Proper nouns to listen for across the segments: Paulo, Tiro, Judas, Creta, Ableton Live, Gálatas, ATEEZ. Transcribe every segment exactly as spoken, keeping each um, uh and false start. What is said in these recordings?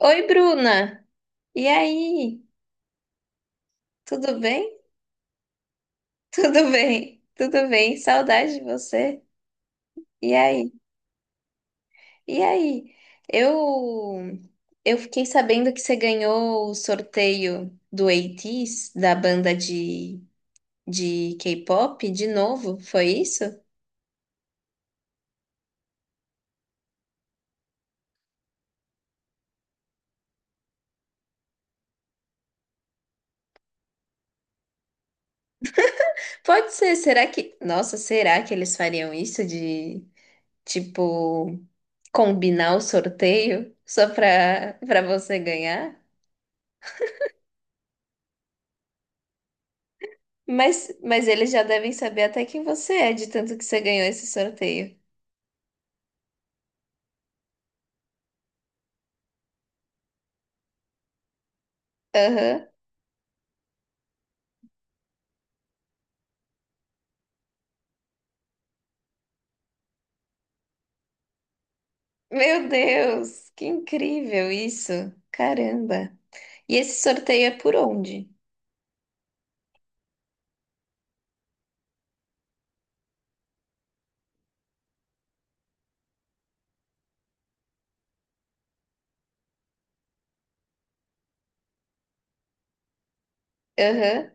Oi, Bruna! E aí? Tudo bem? Tudo bem, tudo bem. Saudade de você. E aí? E aí? Eu eu fiquei sabendo que você ganhou o sorteio do ATEEZ, da banda de, de K-pop, de novo, foi isso? Pode ser, será que... Nossa, será que eles fariam isso de, tipo, combinar o sorteio só pra, pra você ganhar? Mas, mas eles já devem saber até quem você é, de tanto que você ganhou esse sorteio. Aham. Meu Deus, que incrível isso. Caramba. E esse sorteio é por onde? Aham,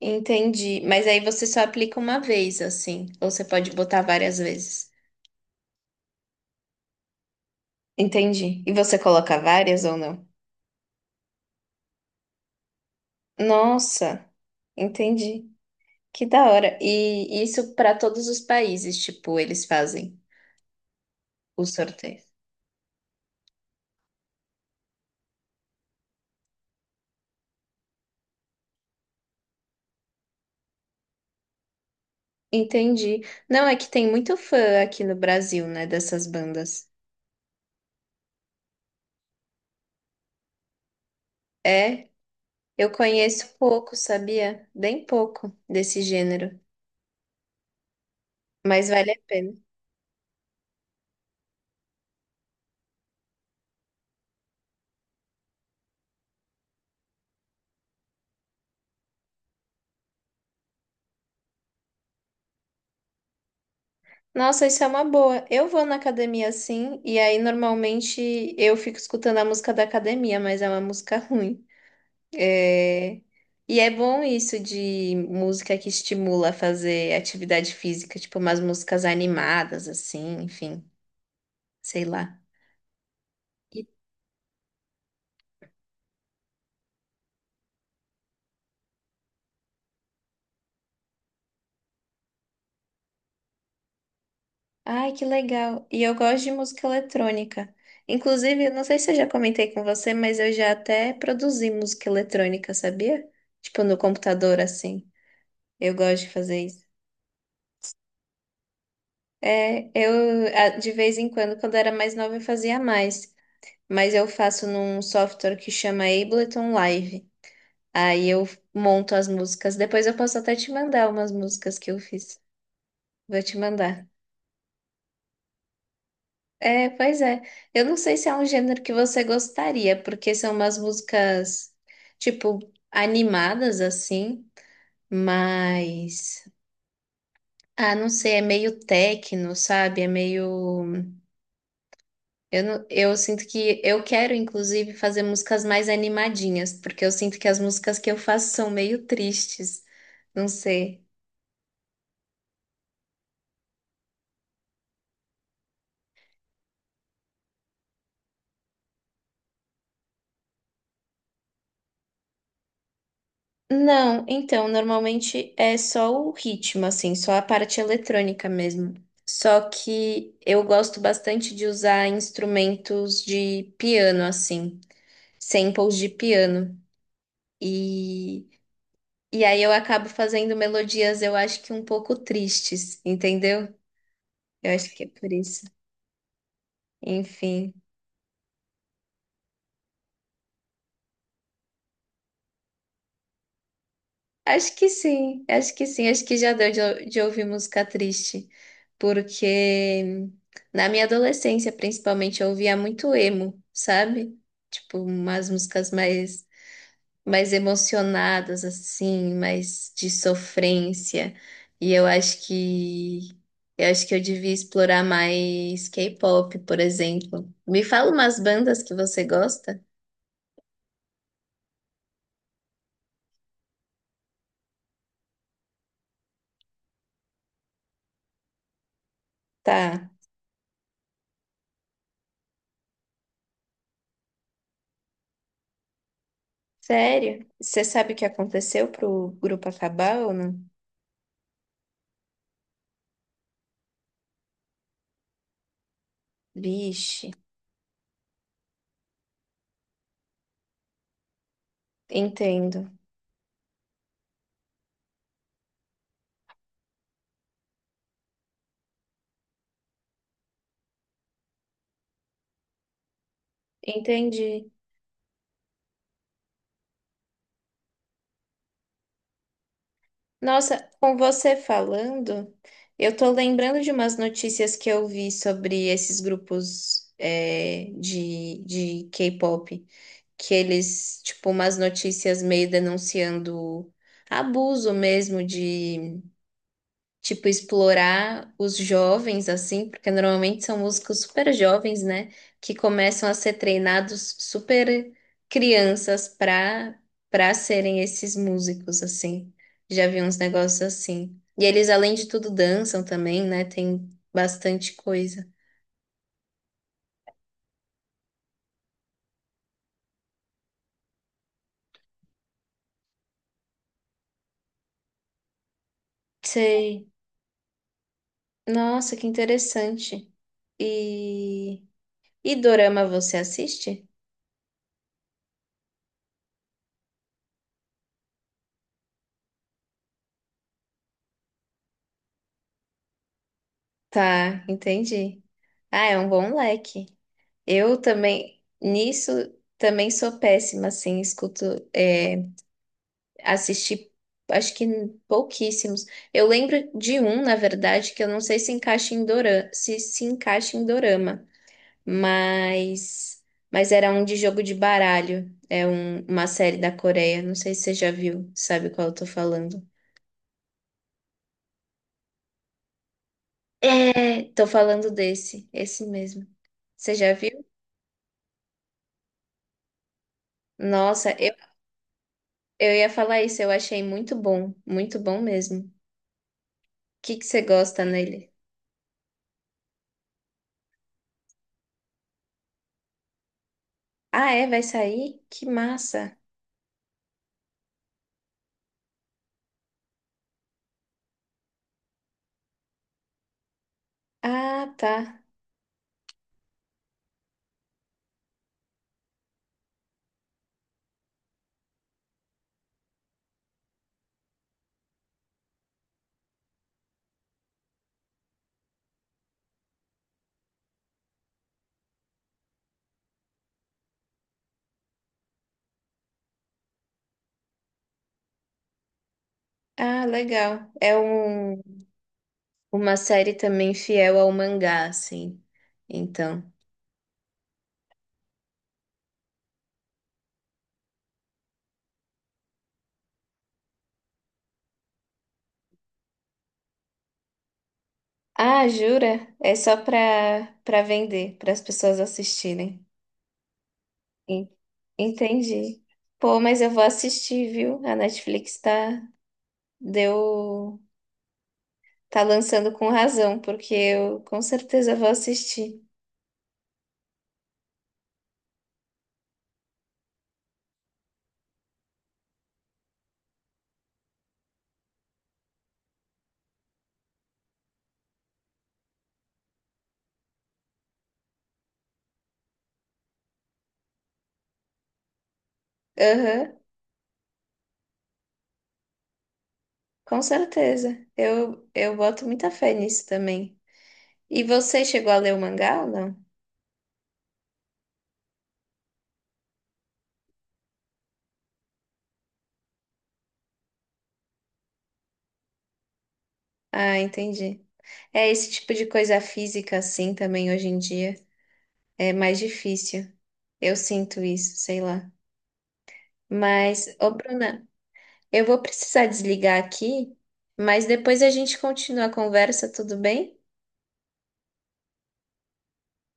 entendi. Mas aí você só aplica uma vez, assim, ou você pode botar várias vezes. Entendi. E você coloca várias ou não? Nossa, entendi. Que da hora. E isso para todos os países, tipo, eles fazem o sorteio. Entendi. Não, é que tem muito fã aqui no Brasil, né, dessas bandas. É, eu conheço pouco, sabia? Bem pouco desse gênero, mas vale a pena. Nossa, isso é uma boa. Eu vou na academia assim, e aí normalmente eu fico escutando a música da academia, mas é uma música ruim. É... E é bom isso de música que estimula a fazer atividade física, tipo umas músicas animadas, assim, enfim, sei lá. Ai, que legal. E eu gosto de música eletrônica. Inclusive, eu não sei se eu já comentei com você, mas eu já até produzi música eletrônica, sabia? Tipo, no computador, assim. Eu gosto de fazer isso. É, eu, a- de vez em quando, quando era mais nova, eu fazia mais. Mas eu faço num software que chama Ableton Live. Aí eu monto as músicas. Depois eu posso até te mandar umas músicas que eu fiz. Vou te mandar. É, pois é. Eu não sei se é um gênero que você gostaria, porque são umas músicas, tipo, animadas assim, mas. Ah, não sei, é meio techno, sabe? É meio. Eu, não- eu sinto que. Eu quero, inclusive, fazer músicas mais animadinhas, porque eu sinto que as músicas que eu faço são meio tristes. Não sei. Não, então, normalmente é só o ritmo, assim, só a parte eletrônica mesmo. Só que eu gosto bastante de usar instrumentos de piano, assim, samples de piano. E, e aí eu acabo fazendo melodias, eu acho que um pouco tristes, entendeu? Eu acho que é por isso. Enfim. Acho que sim, acho que sim, acho que já deu de, ou- de ouvir música triste, porque na minha adolescência, principalmente, eu ouvia muito emo, sabe? Tipo, umas músicas mais, mais emocionadas, assim, mais de sofrência, e eu acho que, eu acho que eu devia explorar mais K-pop, por exemplo. Me fala umas bandas que você gosta? Tá, sério? Você sabe o que aconteceu pro grupo acabar ou não? Vixe, entendo, entendi. Nossa, com você falando, eu tô lembrando de umas notícias que eu vi sobre esses grupos é, de, de K-pop, que eles, tipo, umas notícias meio denunciando abuso mesmo, tipo, explorar os jovens, assim, porque normalmente são músicos super jovens, né? Que começam a ser treinados super crianças para para serem esses músicos, assim. Já vi uns negócios assim. E eles, além de tudo, dançam também, né? Tem bastante coisa. Sei. Nossa, que interessante. E, e dorama você assiste? Tá, entendi. Ah, é um bom leque. Eu também, nisso, também sou péssima, assim, escuto, é, assisti, acho que pouquíssimos. Eu lembro de um, na verdade, que eu não sei se encaixa em dorama, se se encaixa em dorama, mas, mas era um de jogo de baralho, é um- uma série da Coreia, não sei se você já viu, sabe qual eu tô falando. É, tô falando desse, esse mesmo. Você já viu? Nossa, eu, eu ia falar isso, eu achei muito bom, muito bom mesmo. que que você gosta nele? Ah, é? Vai sair? Que massa! Ah, tá. Ah, legal. É um, uma série também fiel ao mangá, assim. Então. Ah, jura? É só pra, pra vender, para as pessoas assistirem. En- Entendi. Pô, mas eu vou assistir, viu? A Netflix tá, deu, tá lançando com razão, porque eu com certeza vou assistir. Aham. Com certeza. Eu, eu boto muita fé nisso também. E você chegou a ler o mangá ou não? Ah, entendi. É esse tipo de coisa física assim também hoje em dia. É mais difícil. Eu sinto isso, sei lá. Mas, ô Bruna, eu vou precisar desligar aqui, mas depois a gente continua a conversa, tudo bem?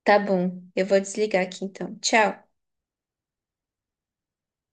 Tá bom. Eu vou desligar aqui então. Tchau.